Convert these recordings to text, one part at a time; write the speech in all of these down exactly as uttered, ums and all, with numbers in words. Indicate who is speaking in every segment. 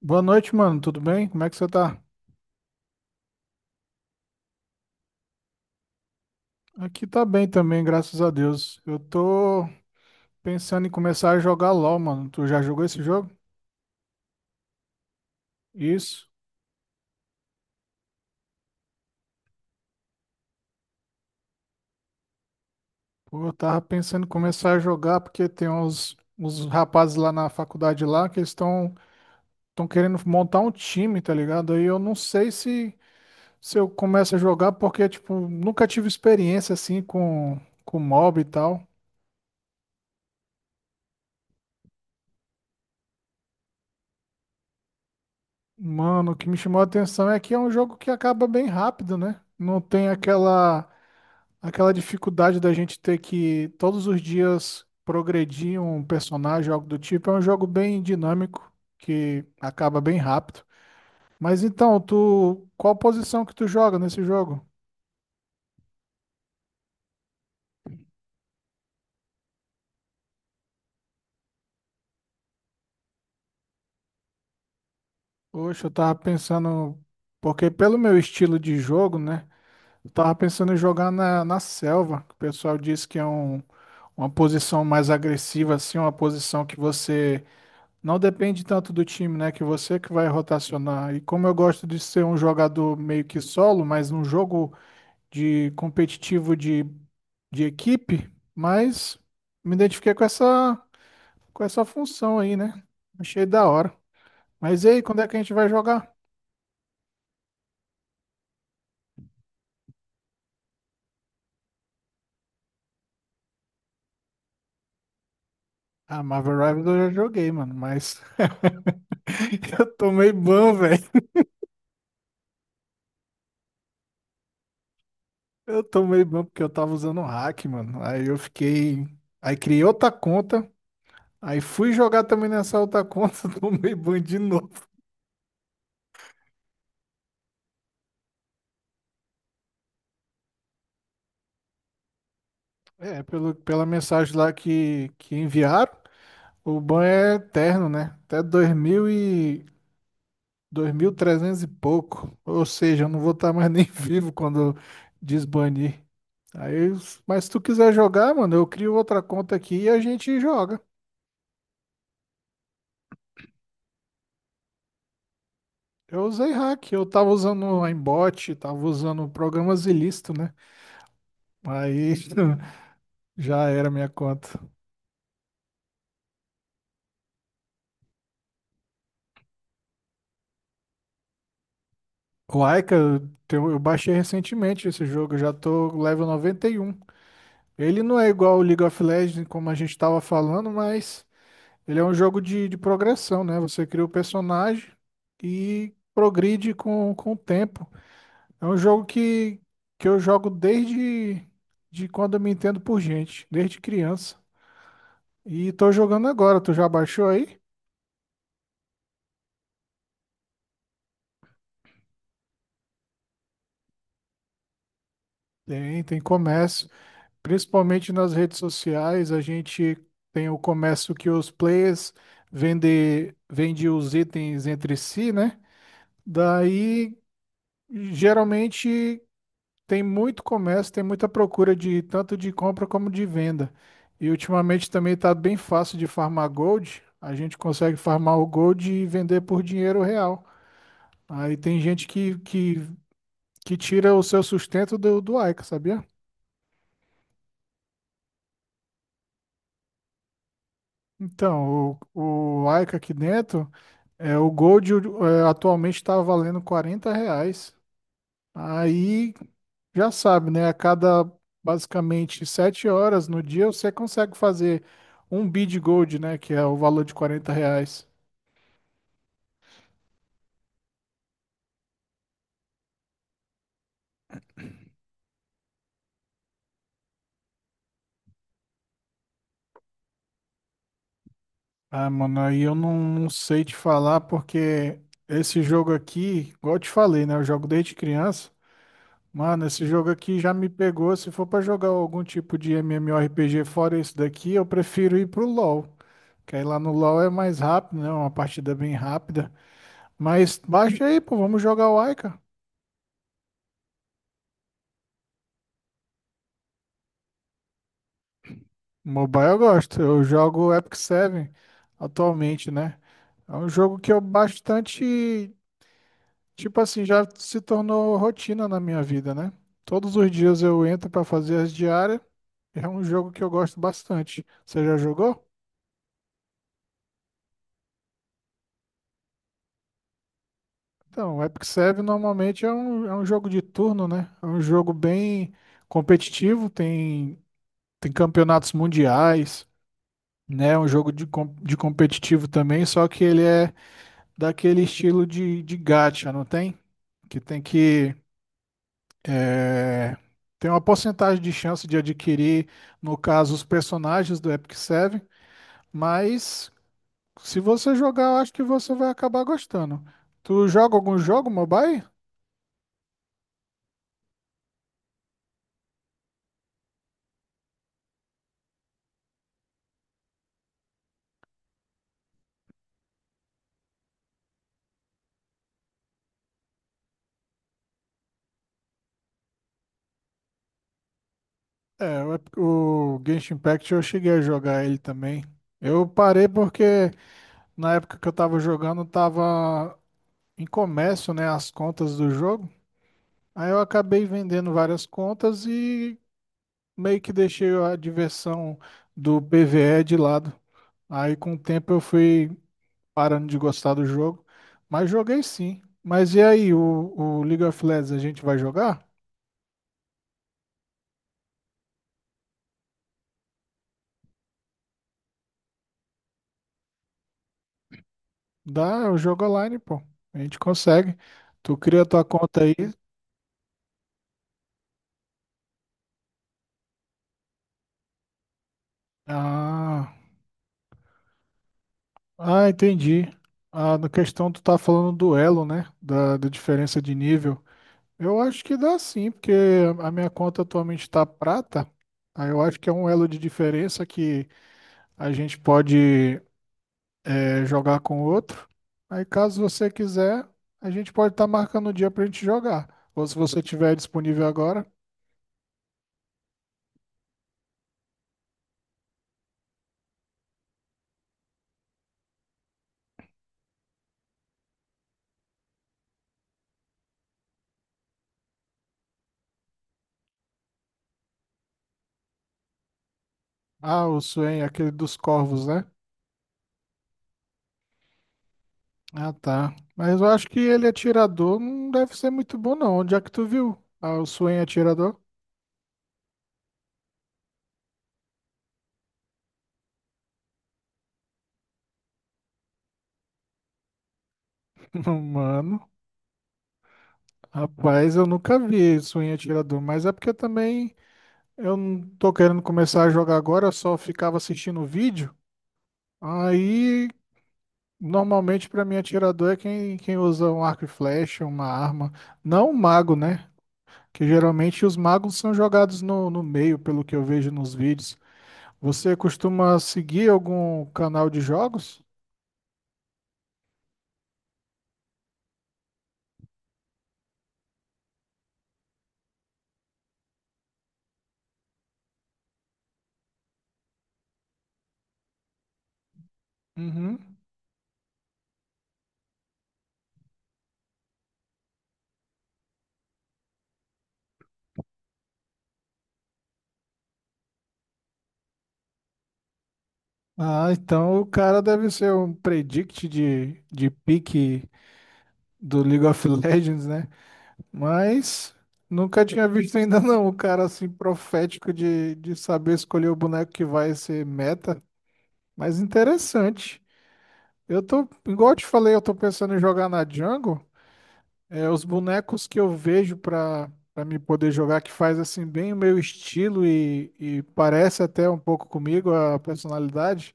Speaker 1: Boa noite, mano. Tudo bem? Como é que você tá? Aqui tá bem também, graças a Deus. Eu tô pensando em começar a jogar LoL, mano. Tu já jogou esse jogo? Isso. Pô, eu tava pensando em começar a jogar porque tem uns, uns rapazes lá na faculdade lá que estão estão querendo montar um time, tá ligado? Aí eu não sei se se eu começo a jogar porque tipo, nunca tive experiência assim com com mob e tal. Mano, o que me chamou a atenção é que é um jogo que acaba bem rápido, né? Não tem aquela aquela dificuldade da gente ter que todos os dias progredir um personagem, algo do tipo, é um jogo bem dinâmico, que acaba bem rápido. Mas então, tu, qual posição que tu joga nesse jogo? Poxa, eu tava pensando, porque pelo meu estilo de jogo, né? Eu tava pensando em jogar na, na selva. Que O pessoal diz que é um, uma posição mais agressiva, assim, uma posição que você não depende tanto do time, né? Que você que vai rotacionar. E como eu gosto de ser um jogador meio que solo, mas num jogo de competitivo de, de equipe, mas me identifiquei com essa, com essa função aí, né? Achei da hora. Mas e aí, quando é que a gente vai jogar? Ah, Marvel Rivals eu já joguei, mano, mas eu tomei ban, velho. Eu tomei ban porque eu tava usando o hack, mano. Aí eu fiquei. Aí criei outra conta. Aí fui jogar também nessa outra conta, tomei ban de novo. É, pelo, pela mensagem lá que, que enviaram, o ban é eterno, né? Até dois mil e dois mil e trezentos e pouco. Ou seja, eu não vou estar mais nem vivo quando desbanir. Aí, mas se tu quiser jogar, mano, eu crio outra conta aqui e a gente joga. Eu usei hack, eu tava usando o aimbot, tava usando programas ilícitos, né? Aí já era minha conta. O Aika, eu tenho- eu baixei recentemente esse jogo, eu já tô level noventa e um. Ele não é igual o League of Legends, como a gente estava falando, mas ele é um jogo de, de progressão, né? Você cria o personagem e progride com, com o tempo. É um jogo que, que eu jogo desde de quando eu me entendo por gente, desde criança. E tô jogando agora, tu já baixou aí? Tem, tem comércio. Principalmente nas redes sociais, a gente tem o comércio que os players vendem vende os itens entre si, né? Daí, geralmente, tem muito comércio, tem muita procura de tanto de compra como de venda. E ultimamente também está bem fácil de farmar gold. A gente consegue farmar o gold e vender por dinheiro real. Aí tem gente que, que, que tira o seu sustento do, do Aika, sabia? Então, o, o Aika aqui dentro. É, o Gold é, atualmente está valendo quarenta reais. Aí já sabe, né? A cada basicamente sete horas no dia você consegue fazer um bid Gold, né? Que é o valor de quarenta reais. Ah, mano, aí eu não, não sei te falar porque esse jogo aqui, igual eu te falei, né? Eu jogo desde criança. Mano, esse jogo aqui já me pegou. Se for pra jogar algum tipo de MMORPG fora esse daqui, eu prefiro ir pro LoL. Que aí lá no LoL é mais rápido, né? Uma partida bem rápida. Mas baixa aí, pô, vamos jogar o Aika. Mobile eu gosto. Eu jogo Epic Seven atualmente, né? É um jogo que eu bastante, tipo assim, já se tornou rotina na minha vida, né? Todos os dias eu entro pra fazer as diárias. É um jogo que eu gosto bastante. Você já jogou? Então, o Epic Seven normalmente é um, é um jogo de turno, né? É um jogo bem competitivo, tem, tem campeonatos mundiais. Né? Um jogo de, com- de competitivo também, só que ele é daquele estilo de, de gacha, não tem? Que tem que é, tem uma porcentagem de chance de adquirir, no caso, os personagens do Epic Seven, mas se você jogar, eu acho que você vai acabar gostando. Tu joga algum jogo mobile? É, o, Ep- o Genshin Impact eu cheguei a jogar ele também. Eu parei porque na época que eu tava jogando, tava em comércio, né, as contas do jogo. Aí eu acabei vendendo várias contas e meio que deixei a diversão do B V E de lado. Aí com o tempo eu fui parando de gostar do jogo, mas joguei sim. Mas e aí, o, o League of Legends a gente vai jogar? Dá, eu jogo online, pô. A gente consegue. Tu cria tua conta aí. Ah, ah, entendi. Ah, na questão tu tá falando do elo, né? Da, da diferença de nível. Eu acho que dá sim, porque a minha conta atualmente está prata. Aí eu acho que é um elo de diferença que a gente pode é, jogar com o outro. Aí caso você quiser, a gente pode estar marcando o dia para a gente jogar. Ou se você tiver disponível agora. Ah, o Swain, aquele dos corvos, né? Ah, tá. Mas eu acho que ele atirador não deve ser muito bom, não. Onde é que tu viu? Ah, o Swain atirador? Mano, rapaz, eu nunca vi Swain atirador. Mas é porque também. Eu não tô querendo começar a jogar agora, eu só ficava assistindo o vídeo. Aí, normalmente, pra mim, atirador é quem, quem usa um arco e flecha, uma arma. Não um mago, né? Que geralmente os magos são jogados no, no meio, pelo que eu vejo nos vídeos. Você costuma seguir algum canal de jogos? Uhum. Ah, então o cara deve ser um predict de, de pique do League of Legends, né? Mas nunca tinha visto ainda não o cara assim profético de, de saber escolher o boneco que vai ser meta. Mas interessante. Eu tô, igual eu te falei, eu tô pensando em jogar na Jungle. É, os bonecos que eu vejo pra, pra me poder jogar, que faz assim bem o meu estilo e, e parece até um pouco comigo a personalidade.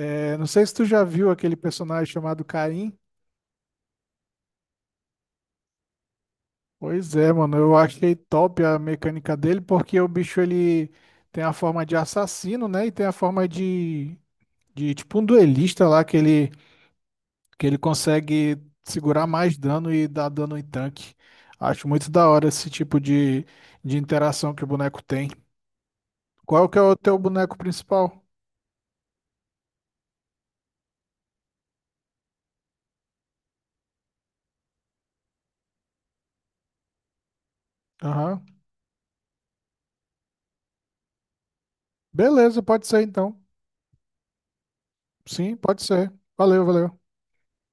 Speaker 1: É, não sei se tu já viu aquele personagem chamado Kayn. Pois é, mano, eu achei top a mecânica dele, porque o bicho ele tem a forma de assassino, né? E tem a forma de, de tipo um duelista lá que ele, que ele consegue segurar mais dano e dar dano em tanque. Acho muito da hora esse tipo de, de interação que o boneco tem. Qual que é o teu boneco principal? Aham. Beleza, pode ser então. Sim, pode ser. Valeu, valeu.